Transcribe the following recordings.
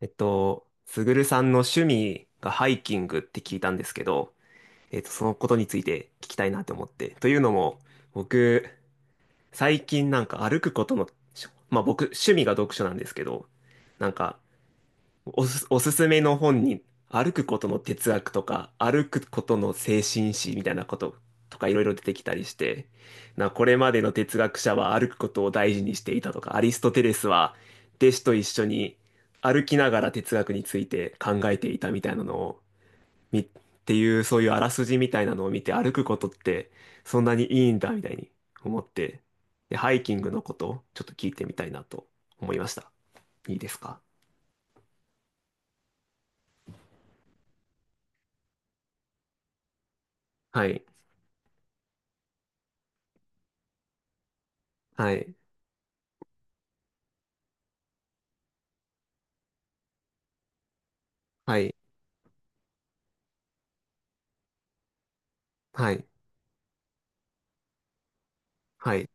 すぐるさんの趣味がハイキングって聞いたんですけど、そのことについて聞きたいなと思って。というのも、僕、最近なんか歩くことの、まあ僕、趣味が読書なんですけど、なんかおすすめの本に、歩くことの哲学とか、歩くことの精神史みたいなこととかいろいろ出てきたりして、これまでの哲学者は歩くことを大事にしていたとか、アリストテレスは弟子と一緒に歩きながら哲学について考えていたみたいなのを、み、っていうそういうあらすじみたいなのを見て、歩くことってそんなにいいんだみたいに思って、で、ハイキングのことちょっと聞いてみたいなと思いました。いいですか？はい。はい。はい。はい。はい。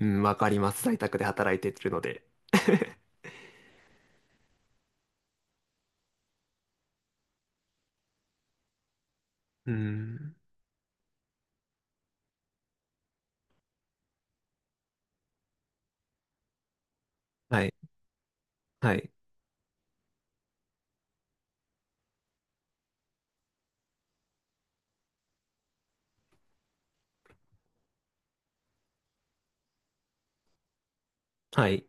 うん、わかります。在宅で働いてるので。うん。はい。はい。はい。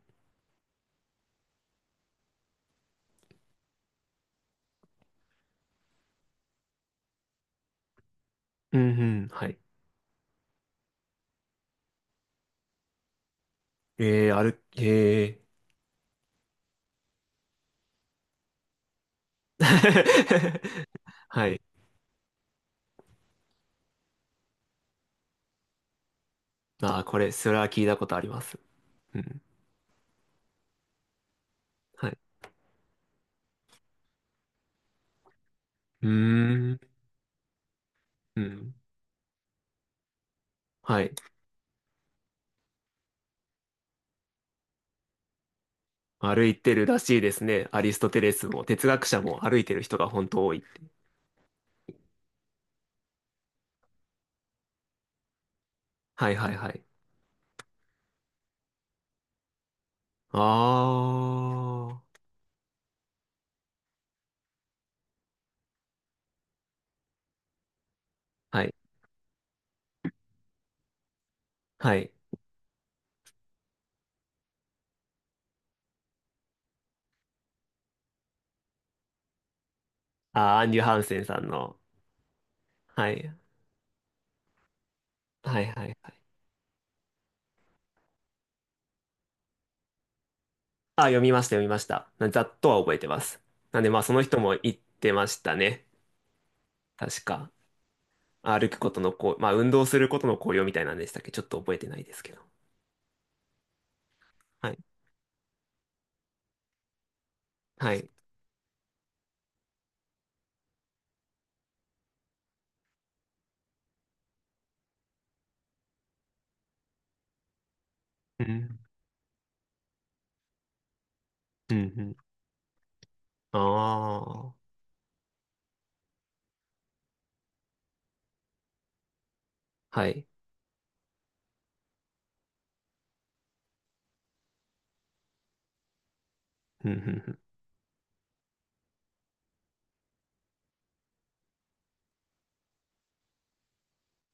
うん、うん。はい。えー、ある、えー。はい。あー、それは聞いたことあります。うん。はい。うーん。うん。はい。歩いてるらしいですね。アリストテレスも、哲学者も歩いてる人が本当多い。はいはいはい。ああ。はい。はい。ああ、アンリュ・ハンセンさんの。はい。はいはいはい。あ、読みました、読みました。ざっとは覚えてます。なんで、まあ、その人も言ってましたね。確か。歩くことのこう、まあ、運動することの効用みたいなんでしたっけ？ちょっと覚えてないですけど。はい。はい。うん。うん。うん。ああ。はい。うん。う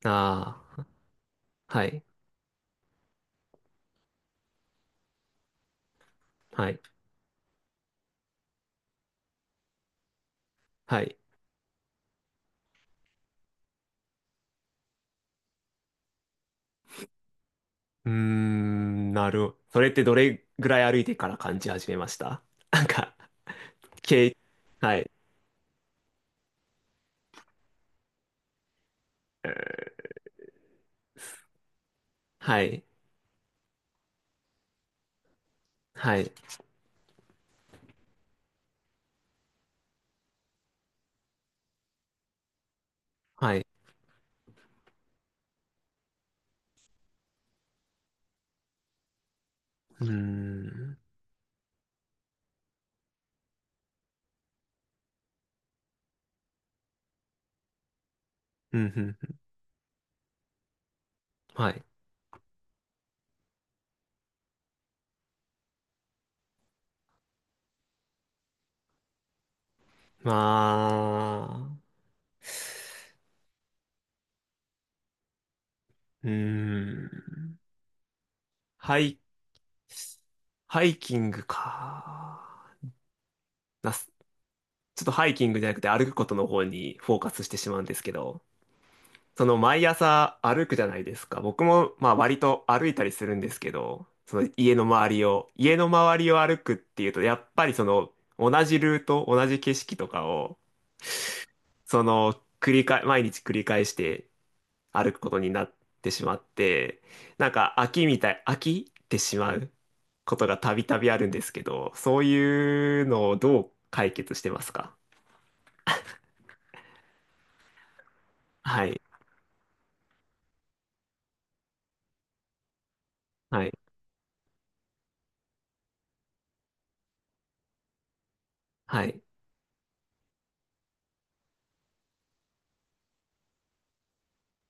ん。ああー。はい。はい。はい。うーん、なるほど。それってどれぐらい歩いてから感じ始めました？なんか、けはい。はい。はい。はい。うーん。うん。うん。はい。まあ、うーん。ハイ、ハイキングか。なす、ちょっとハイキングじゃなくて歩くことの方にフォーカスしてしまうんですけど、その毎朝歩くじゃないですか。僕もまあ割と歩いたりするんですけど、その家の周りを歩くっていうと、やっぱりその同じルート、同じ景色とかを、その繰り返、毎日繰り返して歩くことになってしまって、なんか飽きみたい、飽きてしまうことがたびたびあるんですけど、そういうのをどう解決してますか？はい、はい、はい、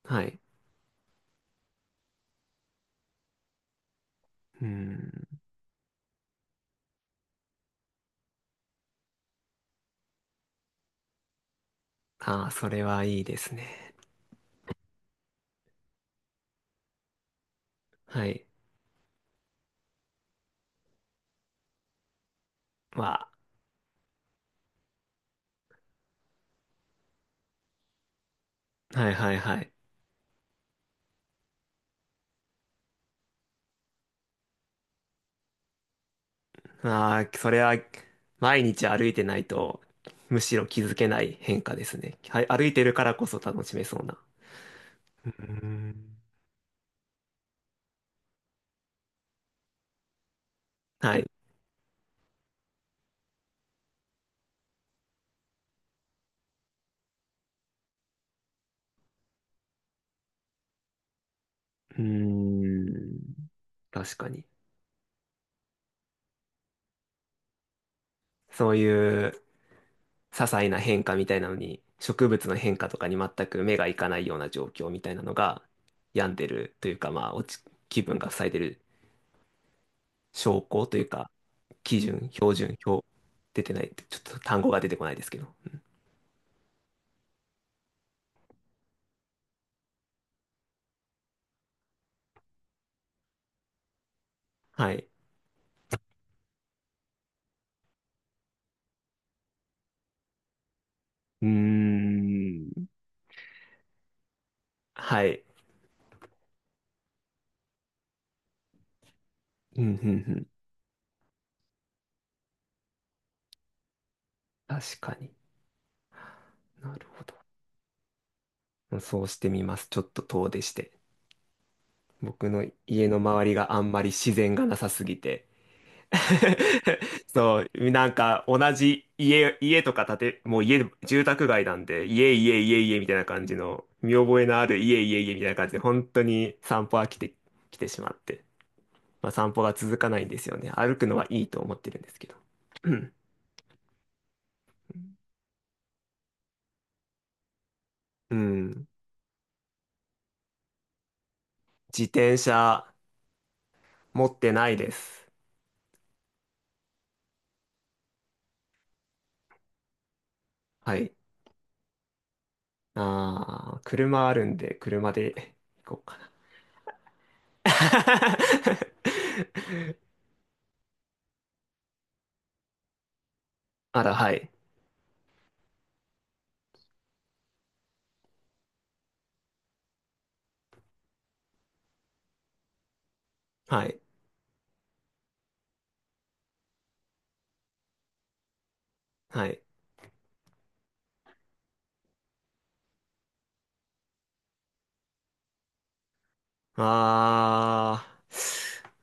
はい。うん。ああ、それはいいですね。はい。まあ、はい、はい、はい。ああ、それは毎日歩いてないと、むしろ気づけない変化ですね。はい、歩いてるからこそ楽しめそうな。うーん。はい。うーん。確かに。そういう些細な変化みたいなのに、植物の変化とかに全く目がいかないような状況みたいなのが病んでるというか、まあ、気分が塞いでる証拠というか、基準、標準、表、出てないって、ちょっと単語が出てこないですけど。はい。うーん。はい。うん、うん、うん。確かに。なるほど。そうしてみます。ちょっと遠出して。僕の家の周りがあんまり自然がなさすぎて、そう、なんか同じ家、家とかもう家、住宅街なんで、家、家、家、家みたいな感じの、見覚えのある家、家、家みたいな感じで、本当に散歩飽きてきてしまって、まあ散歩が続かないんですよね。歩くのはいいと思ってるんですけど。うん。うん、自転車持ってないです。はい。ああ、車あるんで、車で行こうかな。あら、はい。はい。はい。あ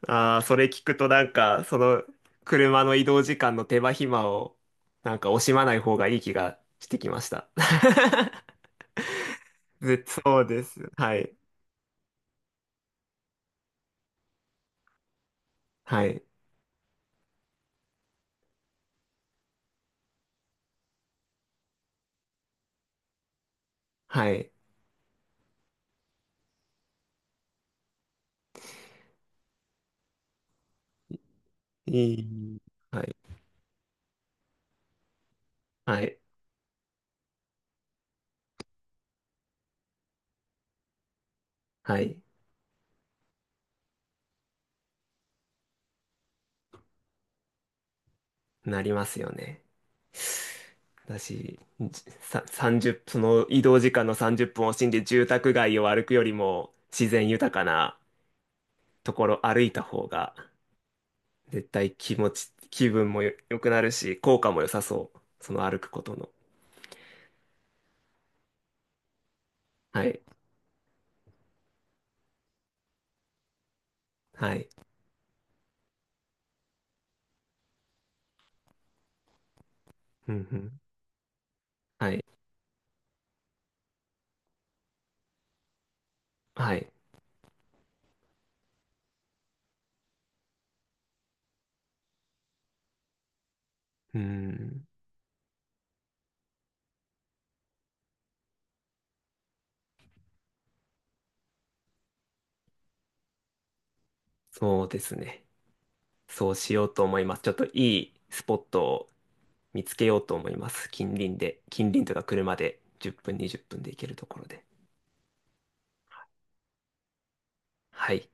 ーあー、それ聞くとなんか、その車の移動時間の手間暇をなんか惜しまない方がいい気がしてきました。そうです。はい。はい。はい。いい。はい。はい。はい。なりますよね。私、30、その移動時間の30分を惜しんで住宅街を歩くよりも自然豊かなところ歩いた方が絶対気持ち、気分も良くなるし、効果も良さそう。その歩くことの。はい。はい。うんうん。はい。はい。うん。そうですね。そうしようと思います。ちょっといいスポットを見つけようと思います。近隣で。近隣とか車で10分、20分で行けるところで。はい。